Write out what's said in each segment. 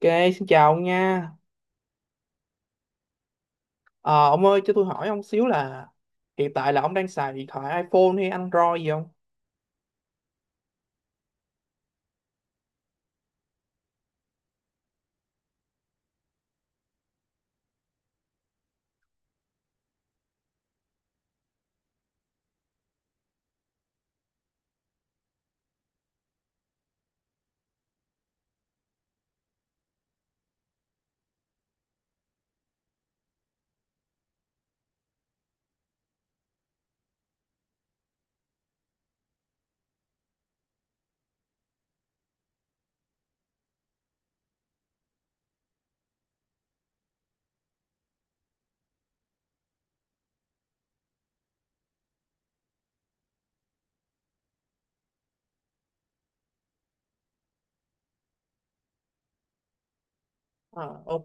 Ok, xin chào ông nha. Ờ, ông ơi, cho tôi hỏi ông xíu là hiện tại là ông đang xài điện thoại iPhone hay Android gì không? Ờ, ok.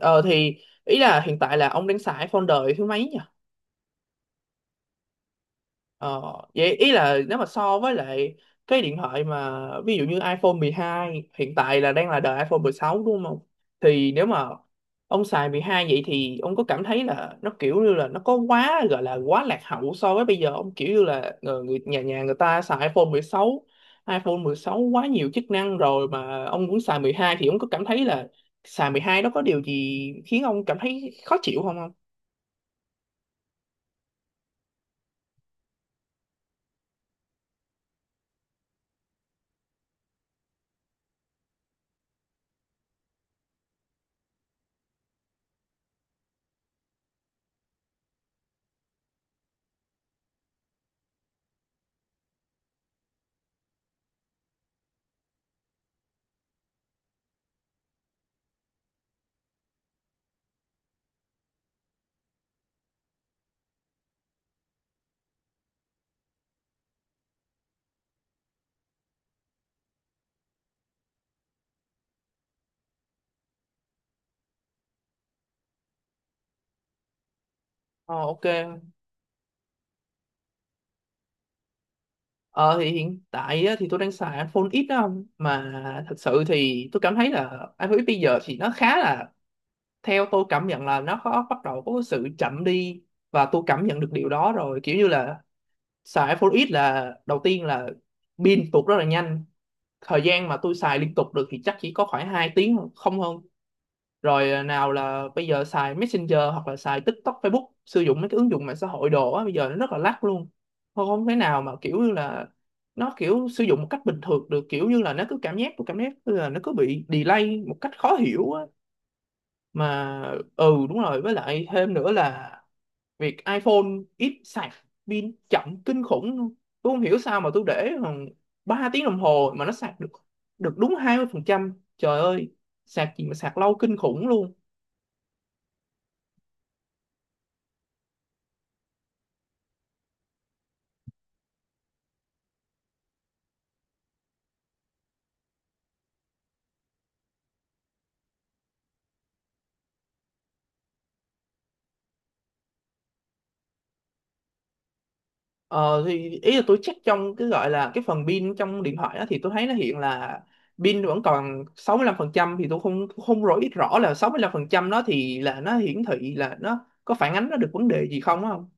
Thì ý là hiện tại là ông đang xài iPhone đời thứ mấy nhỉ? Ờ, vậy ý là nếu mà so với lại cái điện thoại mà ví dụ như iPhone 12 hiện tại là đang là đời iPhone 16 đúng không? Thì nếu mà ông xài 12 vậy thì ông có cảm thấy là nó kiểu như là nó có quá gọi là quá lạc hậu so với bây giờ ông kiểu như là người nhà nhà người ta xài iPhone 16, iPhone 16 quá nhiều chức năng rồi mà ông cũng xài 12 thì ông có cảm thấy là xài 12 nó có điều gì khiến ông cảm thấy khó chịu không không? Ờ ok. Ờ thì hiện tại á, thì tôi đang xài iPhone X á ông, mà thật sự thì tôi cảm thấy là iPhone X bây giờ thì nó khá là, theo tôi cảm nhận là nó có bắt đầu có sự chậm đi và tôi cảm nhận được điều đó rồi. Kiểu như là xài iPhone X là đầu tiên là pin tụt rất là nhanh, thời gian mà tôi xài liên tục được thì chắc chỉ có khoảng 2 tiếng thôi, không hơn. Rồi à, nào là bây giờ xài Messenger hoặc là xài TikTok, Facebook, sử dụng mấy cái ứng dụng mạng xã hội đồ á, bây giờ nó rất là lắc luôn, không không thể nào mà kiểu như là nó kiểu sử dụng một cách bình thường được. Kiểu như là nó cứ cảm giác, tôi cảm giác là nó cứ bị delay một cách khó hiểu á. Mà ừ đúng rồi, với lại thêm nữa là việc iPhone ít sạc, pin chậm kinh khủng luôn. Tôi không hiểu sao mà tôi để khoảng 3 tiếng đồng hồ mà nó sạc được được đúng 20%, trời ơi, sạc gì mà sạc lâu kinh khủng luôn. Ờ thì ý là tôi check trong cái gọi là cái phần pin trong điện thoại đó thì tôi thấy nó hiện là pin vẫn còn 65%, thì tôi không không rõ biết rõ là 65% đó thì là nó hiển thị là nó có phản ánh nó được vấn đề gì không á, không?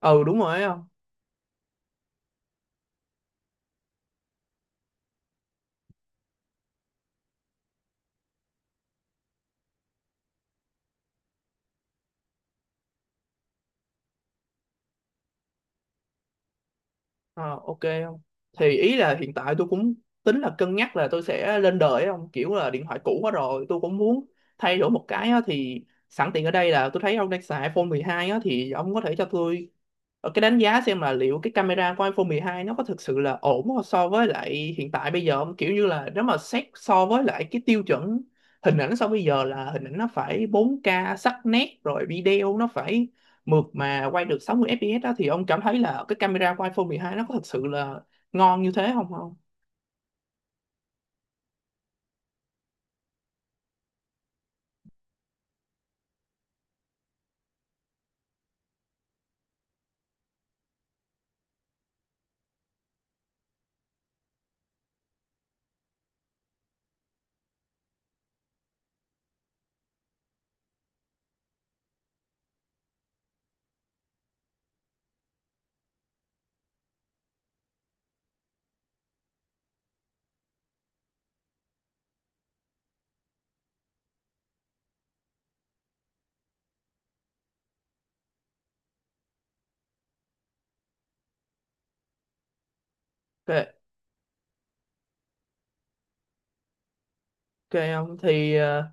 Ừ đúng rồi ấy, không? Ờ ok, không? Thì ý là hiện tại tôi cũng tính là cân nhắc là tôi sẽ lên đời ấy, không? Kiểu là điện thoại cũ quá rồi tôi cũng muốn thay đổi một cái á, thì sẵn tiện ở đây là tôi thấy ông đang xài iPhone 12 á thì ông có thể cho tôi cái đánh giá xem là liệu cái camera của iPhone 12 nó có thực sự là ổn không so với lại hiện tại bây giờ không? Kiểu như là nếu mà xét so với lại cái tiêu chuẩn hình ảnh so bây giờ là hình ảnh nó phải 4K sắc nét, rồi video nó phải mượt mà, quay được 60 fps đó, thì ông cảm thấy là cái camera của iPhone 12 nó có thực sự là ngon như thế không không? Ok, ok, không? Thì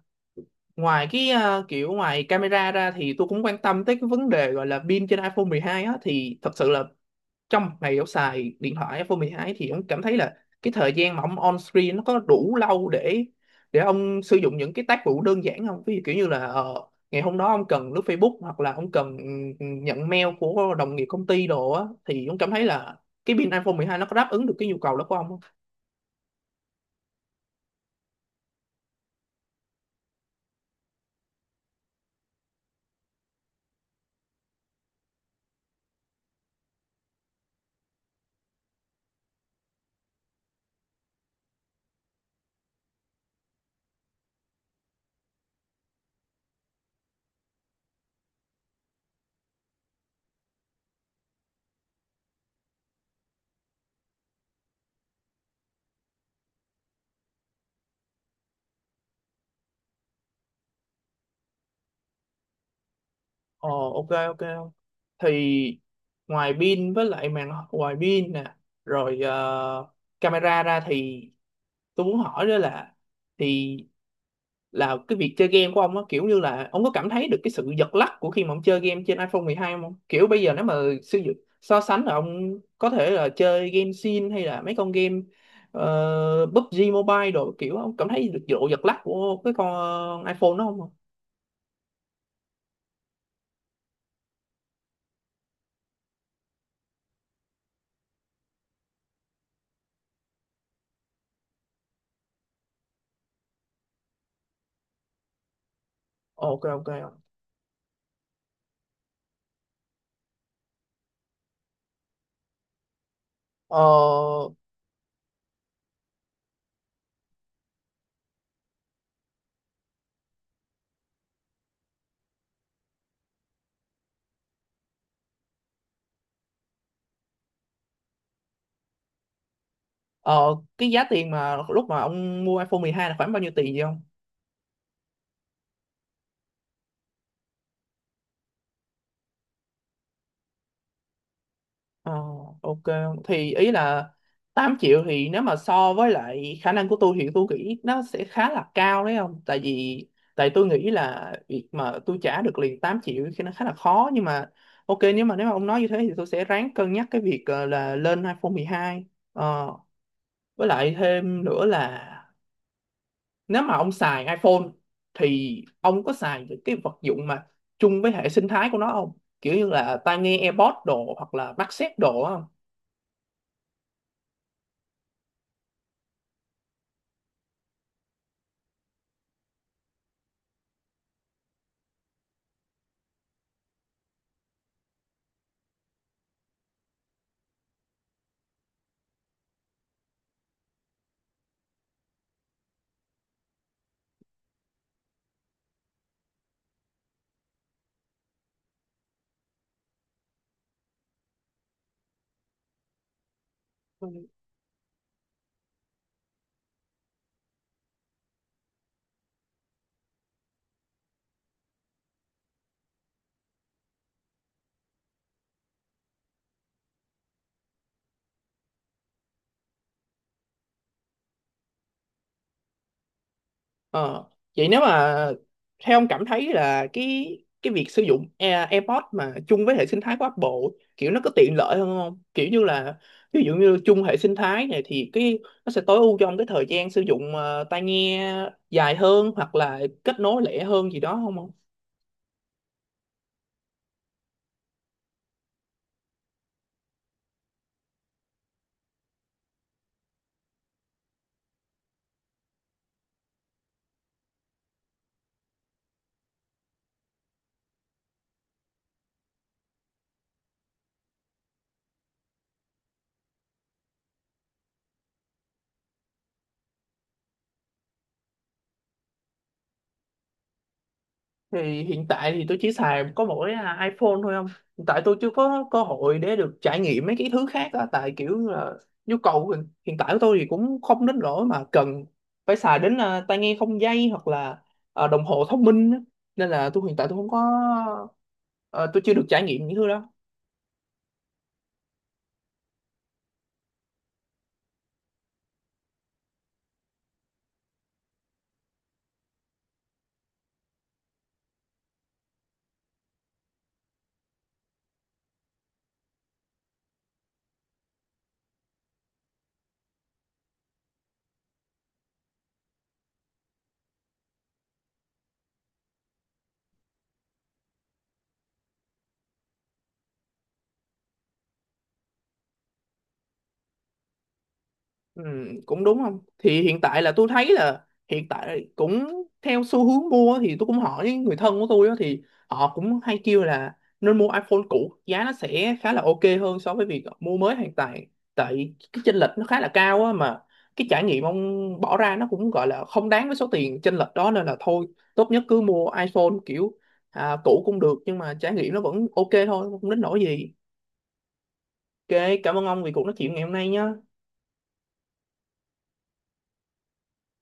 ngoài cái kiểu ngoài camera ra thì tôi cũng quan tâm tới cái vấn đề gọi là pin trên iPhone 12 á, thì thật sự là trong ngày Dẫu xài điện thoại iPhone 12 thì ông cảm thấy là cái thời gian mà ông on screen nó có đủ lâu để ông sử dụng những cái tác vụ đơn giản không? Ví dụ kiểu như là ngày hôm đó ông cần lướt Facebook hoặc là ông cần nhận mail của đồng nghiệp công ty đồ á, thì ông cảm thấy là cái pin iPhone 12 nó có đáp ứng được cái nhu cầu đó của ông không? Ờ ok ok. Thì ngoài pin với lại màn, ngoài pin nè, rồi camera ra thì tôi muốn hỏi đó là, thì là cái việc chơi game của ông á, kiểu như là ông có cảm thấy được cái sự giật lắc của khi mà ông chơi game trên iPhone 12 không? Kiểu bây giờ nếu mà sử dụng so sánh là ông có thể là chơi game Sin hay là mấy con game PUBG Mobile đồ, kiểu ông cảm thấy được độ giật lắc của cái con iPhone đó không? Ok ok. Ờ, ờ, cái giá tiền mà lúc mà ông mua iPhone 12 là khoảng bao nhiêu tiền vậy, không? Ờ, ok, thì ý là 8 triệu thì nếu mà so với lại khả năng của tôi thì tôi nghĩ nó sẽ khá là cao đấy, không? Tại vì tôi nghĩ là việc mà tôi trả được liền 8 triệu thì nó khá là khó, nhưng mà ok, nếu mà ông nói như thế thì tôi sẽ ráng cân nhắc cái việc là lên iPhone 12. Ờ, với lại thêm nữa là nếu mà ông xài iPhone thì ông có xài những cái vật dụng mà chung với hệ sinh thái của nó không, kiểu như là tai nghe AirPods đồ hoặc là mắt xếp đồ á, không? Ờ, vậy nếu mà theo ông cảm thấy là cái việc sử dụng AirPods mà chung với hệ sinh thái của Apple kiểu nó có tiện lợi hơn không? Kiểu như là ví dụ như chung hệ sinh thái này thì cái nó sẽ tối ưu cho ông cái thời gian sử dụng tai nghe dài hơn hoặc là kết nối lẻ hơn gì đó không? Thì hiện tại thì tôi chỉ xài có mỗi iPhone thôi, không? Hiện tại tôi chưa có cơ hội để được trải nghiệm mấy cái thứ khác á, tại kiểu là nhu cầu hiện hiện tại của tôi thì cũng không đến nỗi mà cần phải xài đến tai nghe không dây hoặc là đồng hồ thông minh á. Nên là tôi hiện tại tôi không có, ờ, tôi chưa được trải nghiệm những thứ đó. Ừ, cũng đúng, không? Thì hiện tại là tôi thấy là hiện tại cũng theo xu hướng mua thì tôi cũng hỏi những người thân của tôi á, thì họ cũng hay kêu là nên mua iPhone cũ, giá nó sẽ khá là ok hơn so với việc mua mới hiện tại, tại cái chênh lệch nó khá là cao á mà cái trải nghiệm ông bỏ ra nó cũng gọi là không đáng với số tiền chênh lệch đó, nên là thôi, tốt nhất cứ mua iPhone kiểu cũ cũng được nhưng mà trải nghiệm nó vẫn ok thôi, không đến nỗi gì. Ok, cảm ơn ông vì cuộc nói chuyện ngày hôm nay nhé.